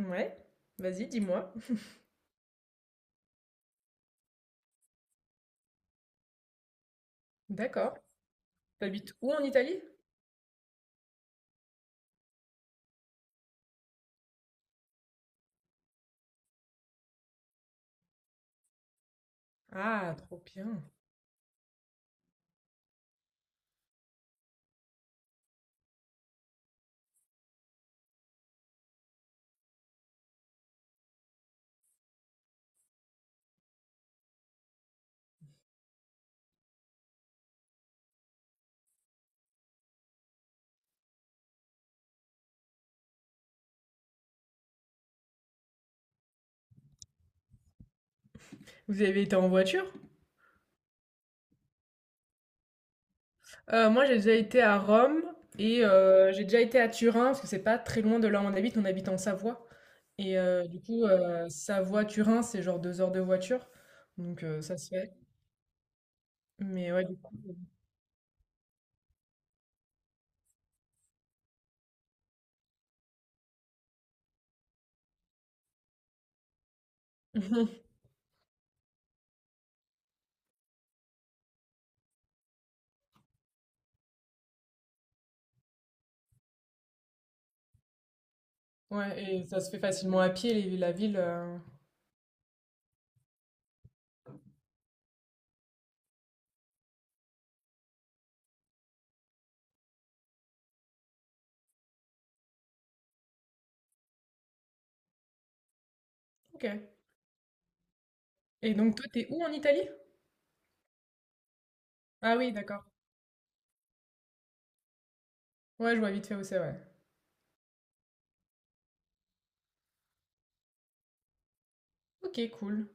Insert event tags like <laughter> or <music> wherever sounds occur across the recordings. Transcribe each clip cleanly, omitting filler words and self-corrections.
Ouais, vas-y, dis-moi. D'accord. T'habites où en Italie? Ah, trop bien. Vous avez été en voiture? Moi, j'ai déjà été à Rome et j'ai déjà été à Turin parce que c'est pas très loin de là où on habite. On habite en Savoie. Et du coup, Savoie-Turin, c'est genre 2 heures de voiture. Donc ça se fait. Mais ouais, du coup. euh, <laughs> Ouais, et ça se fait facilement à pied, la ville. Ok. Et donc toi, t'es où en Italie? Ah oui, d'accord. Ouais, je vois vite fait où c'est, ouais. Ok, cool.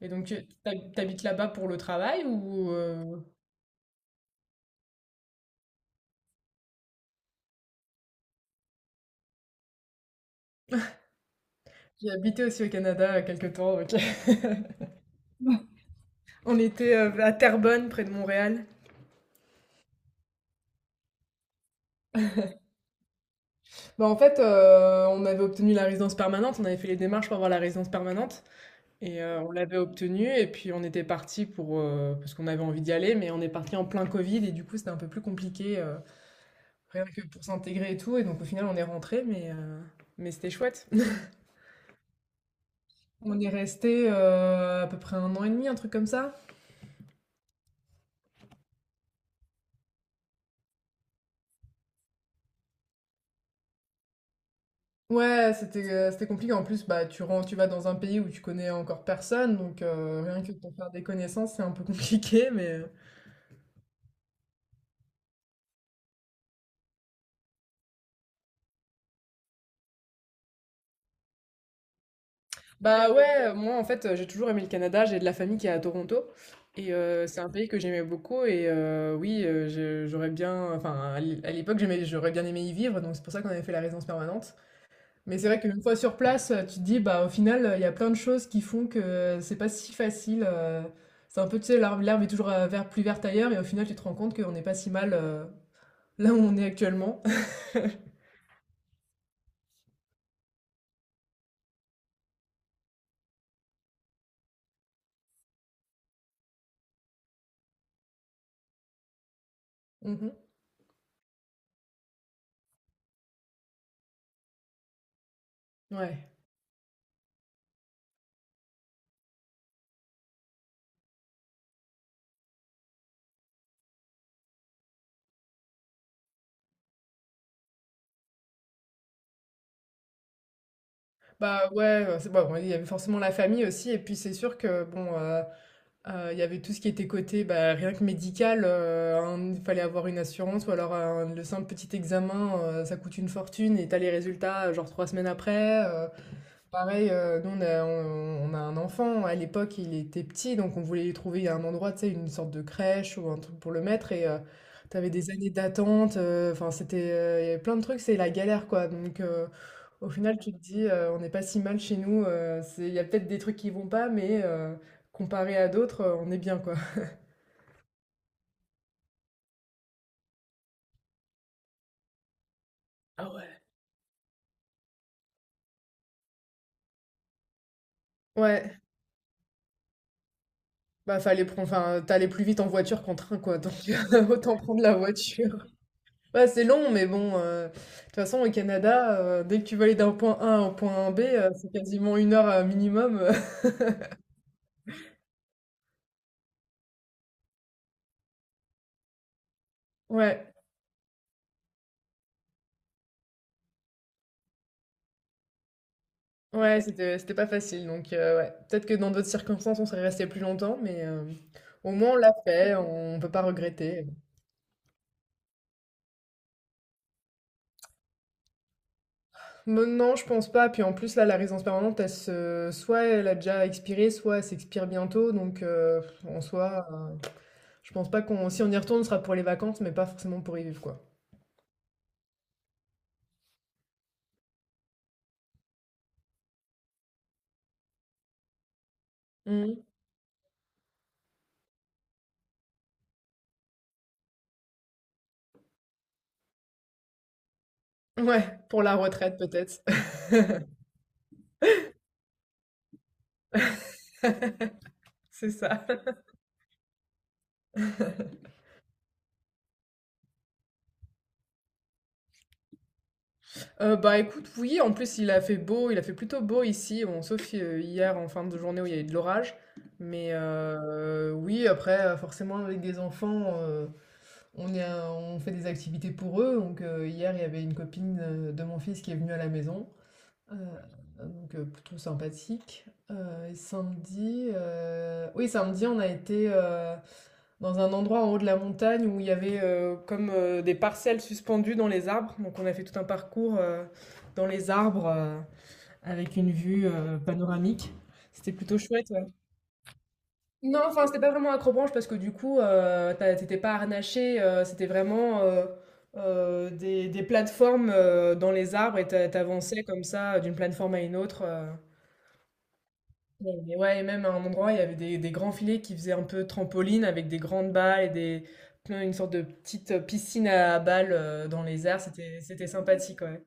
Et donc, tu t'habites là-bas pour le travail ou J'ai habité aussi au Canada quelques temps, donc <laughs> on était à Terrebonne, près de Montréal. Bah, en fait, on avait obtenu la résidence permanente. On avait fait les démarches pour avoir la résidence permanente. Et on l'avait obtenue. Et puis, on était parti pour... parce qu'on avait envie d'y aller. Mais on est parti en plein Covid. Et du coup, c'était un peu plus compliqué, rien que pour s'intégrer et tout. Et donc, au final, on est rentré. Mais c'était chouette. On est resté à peu près 1 an et demi, un truc comme ça. Ouais, c'était compliqué. En plus, bah, tu vas dans un pays où tu connais encore personne, donc rien que pour faire des connaissances, c'est un peu <laughs> compliqué, mais Bah, ouais, moi, en fait, j'ai toujours aimé le Canada. J'ai de la famille qui est à Toronto et c'est un pays que j'aimais beaucoup et oui, je j'aurais bien enfin, à l'époque, j'aurais bien aimé y vivre, donc c'est pour ça qu'on avait fait la résidence permanente. Mais c'est vrai qu'une fois sur place, tu te dis, bah, au final, il y a plein de choses qui font que c'est pas si facile. C'est un peu, tu sais, l'herbe est toujours plus verte ailleurs, et au final, tu te rends compte qu'on n'est pas si mal là où on est actuellement. <laughs> Mhm. Ouais. Bah ouais, c'est bon, il y avait forcément la famille aussi, et puis c'est sûr que, bon, il y avait tout ce qui était côté, bah, rien que médical, il fallait avoir une assurance, ou alors le simple petit examen, ça coûte une fortune, et t'as les résultats, genre 3 semaines après. Pareil, nous on a un enfant, à l'époque il était petit, donc on voulait lui trouver un endroit, tu sais, une sorte de crèche ou un truc pour le mettre, et t'avais des années d'attente, enfin il y avait plein de trucs, c'est la galère quoi, donc au final tu te dis, on n'est pas si mal chez nous, c'est, il y a peut-être des trucs qui vont pas, mais comparé à d'autres, on est bien quoi. Ah ouais. Ouais, bah fallait prendre, enfin t'allais plus vite en voiture qu'en train quoi, donc <laughs> autant prendre la voiture. Ouais, c'est long, mais bon, de toute façon, au Canada, dès que tu veux aller d'un point A à un point B, c'est quasiment 1 heure minimum. <laughs> Ouais, ouais, c'était pas facile. Donc, ouais, peut-être que dans d'autres circonstances, on serait resté plus longtemps, mais au moins, on l'a fait, on peut pas regretter. Bon, non, je pense pas. Puis en plus, là, la résidence permanente, soit elle a déjà expiré, soit elle s'expire bientôt. Donc, en soi, je pense pas qu'on... Si on y retourne, ce sera pour les vacances, mais pas forcément pour y vivre, quoi. Mhm. Ouais, pour la retraite, peut-être. <laughs> C'est ça. Bah, écoute, oui, en plus, il a fait beau, il a fait plutôt beau ici, bon, sauf, hier en fin de journée où il y a eu de l'orage. Mais, oui, après, forcément, avec des enfants, on est un on fait des activités pour eux, donc, hier, il y avait une copine, de mon fils qui est venue à la maison, heu, donc, plutôt sympathique. Heu, et samedi, oui, samedi, on a été, dans un endroit en haut de la montagne où il y avait comme des parcelles suspendues dans les arbres. Donc on a fait tout un parcours dans les arbres avec une vue panoramique. C'était plutôt chouette. Ouais. Non, enfin c'était pas vraiment accrobranche parce que du coup t'étais pas harnaché, c'était vraiment des plateformes dans les arbres et t'avançais comme ça d'une plateforme à une autre. Et ouais et même à un endroit, il y avait des grands filets qui faisaient un peu trampoline avec des grandes balles et des plein une sorte de petite piscine à balles, dans les airs, c'était sympathique, ouais.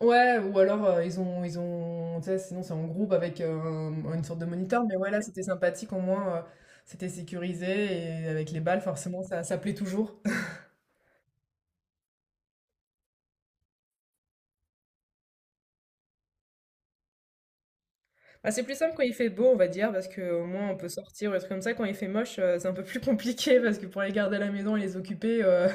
Ouais ou alors, ils ont tu sais, sinon c'est en groupe avec, une sorte de moniteur, mais ouais, là, c'était sympathique au moins, c'était sécurisé et avec les balles forcément ça plaît toujours. <laughs> Bah, c'est plus simple quand il fait beau, on va dire, parce que au moins on peut sortir ou des trucs comme ça. Quand il fait moche, c'est un peu plus <laughs> compliqué parce que pour les garder à la maison et les occuper,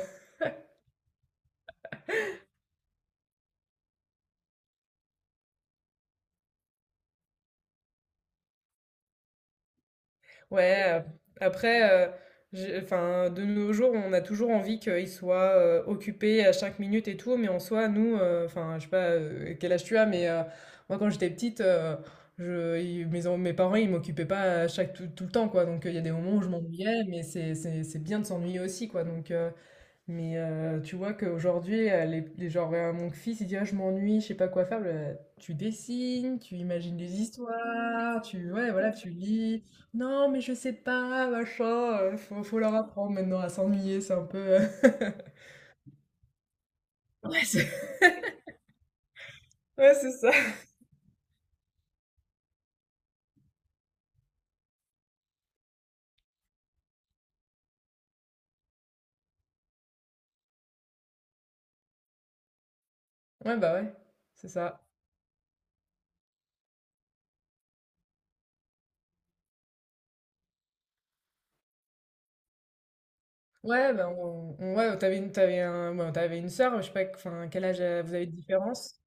Ouais, après, enfin, de nos jours, on a toujours envie qu'ils soient occupés à chaque minute et tout, mais en soi, nous, enfin, je sais pas quel âge tu as, mais moi, quand j'étais petite, je, ils- mes, en- mes parents, ils m'occupaient pas à tout, tout le temps, quoi. Donc, il y a des moments où je m'ennuyais, mais c'est bien de s'ennuyer aussi, quoi. Donc, mais tu vois qu'aujourd'hui, mon fils, il dit: «Ah, je m'ennuie, je sais pas quoi faire». Bah, tu dessines, tu imagines des histoires, tu ouais, voilà, tu lis. «Non, mais je sais pas, machin», faut leur apprendre maintenant à s'ennuyer, c'est un peu, <laughs> Ouais, c'est ouais, c'est ça. Ouais, bah, ouais, c'est ça. Ouais, bah, on ouais, t'avais avais une tu un ouais, t'avais une sœur, je sais pas, enfin, quel âge, vous avez de différence?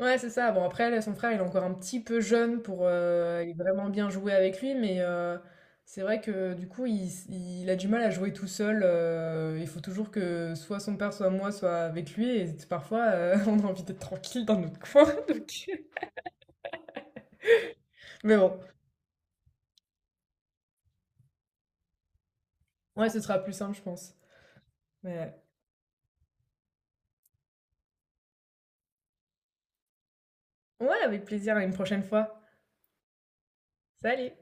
Ouais, c'est ça. Bon, après, là, son frère, il est encore un petit peu jeune pour aller vraiment bien jouer avec lui, mais c'est vrai que du coup, il a du mal à jouer tout seul. Il faut toujours que soit son père, soit moi, soit avec lui, et parfois, <laughs> on a envie d'être tranquille dans notre coin. <laughs> donc- Mais bon, ouais, ce sera plus simple, je pense. Mais ouais, avec plaisir, à une prochaine fois. Salut!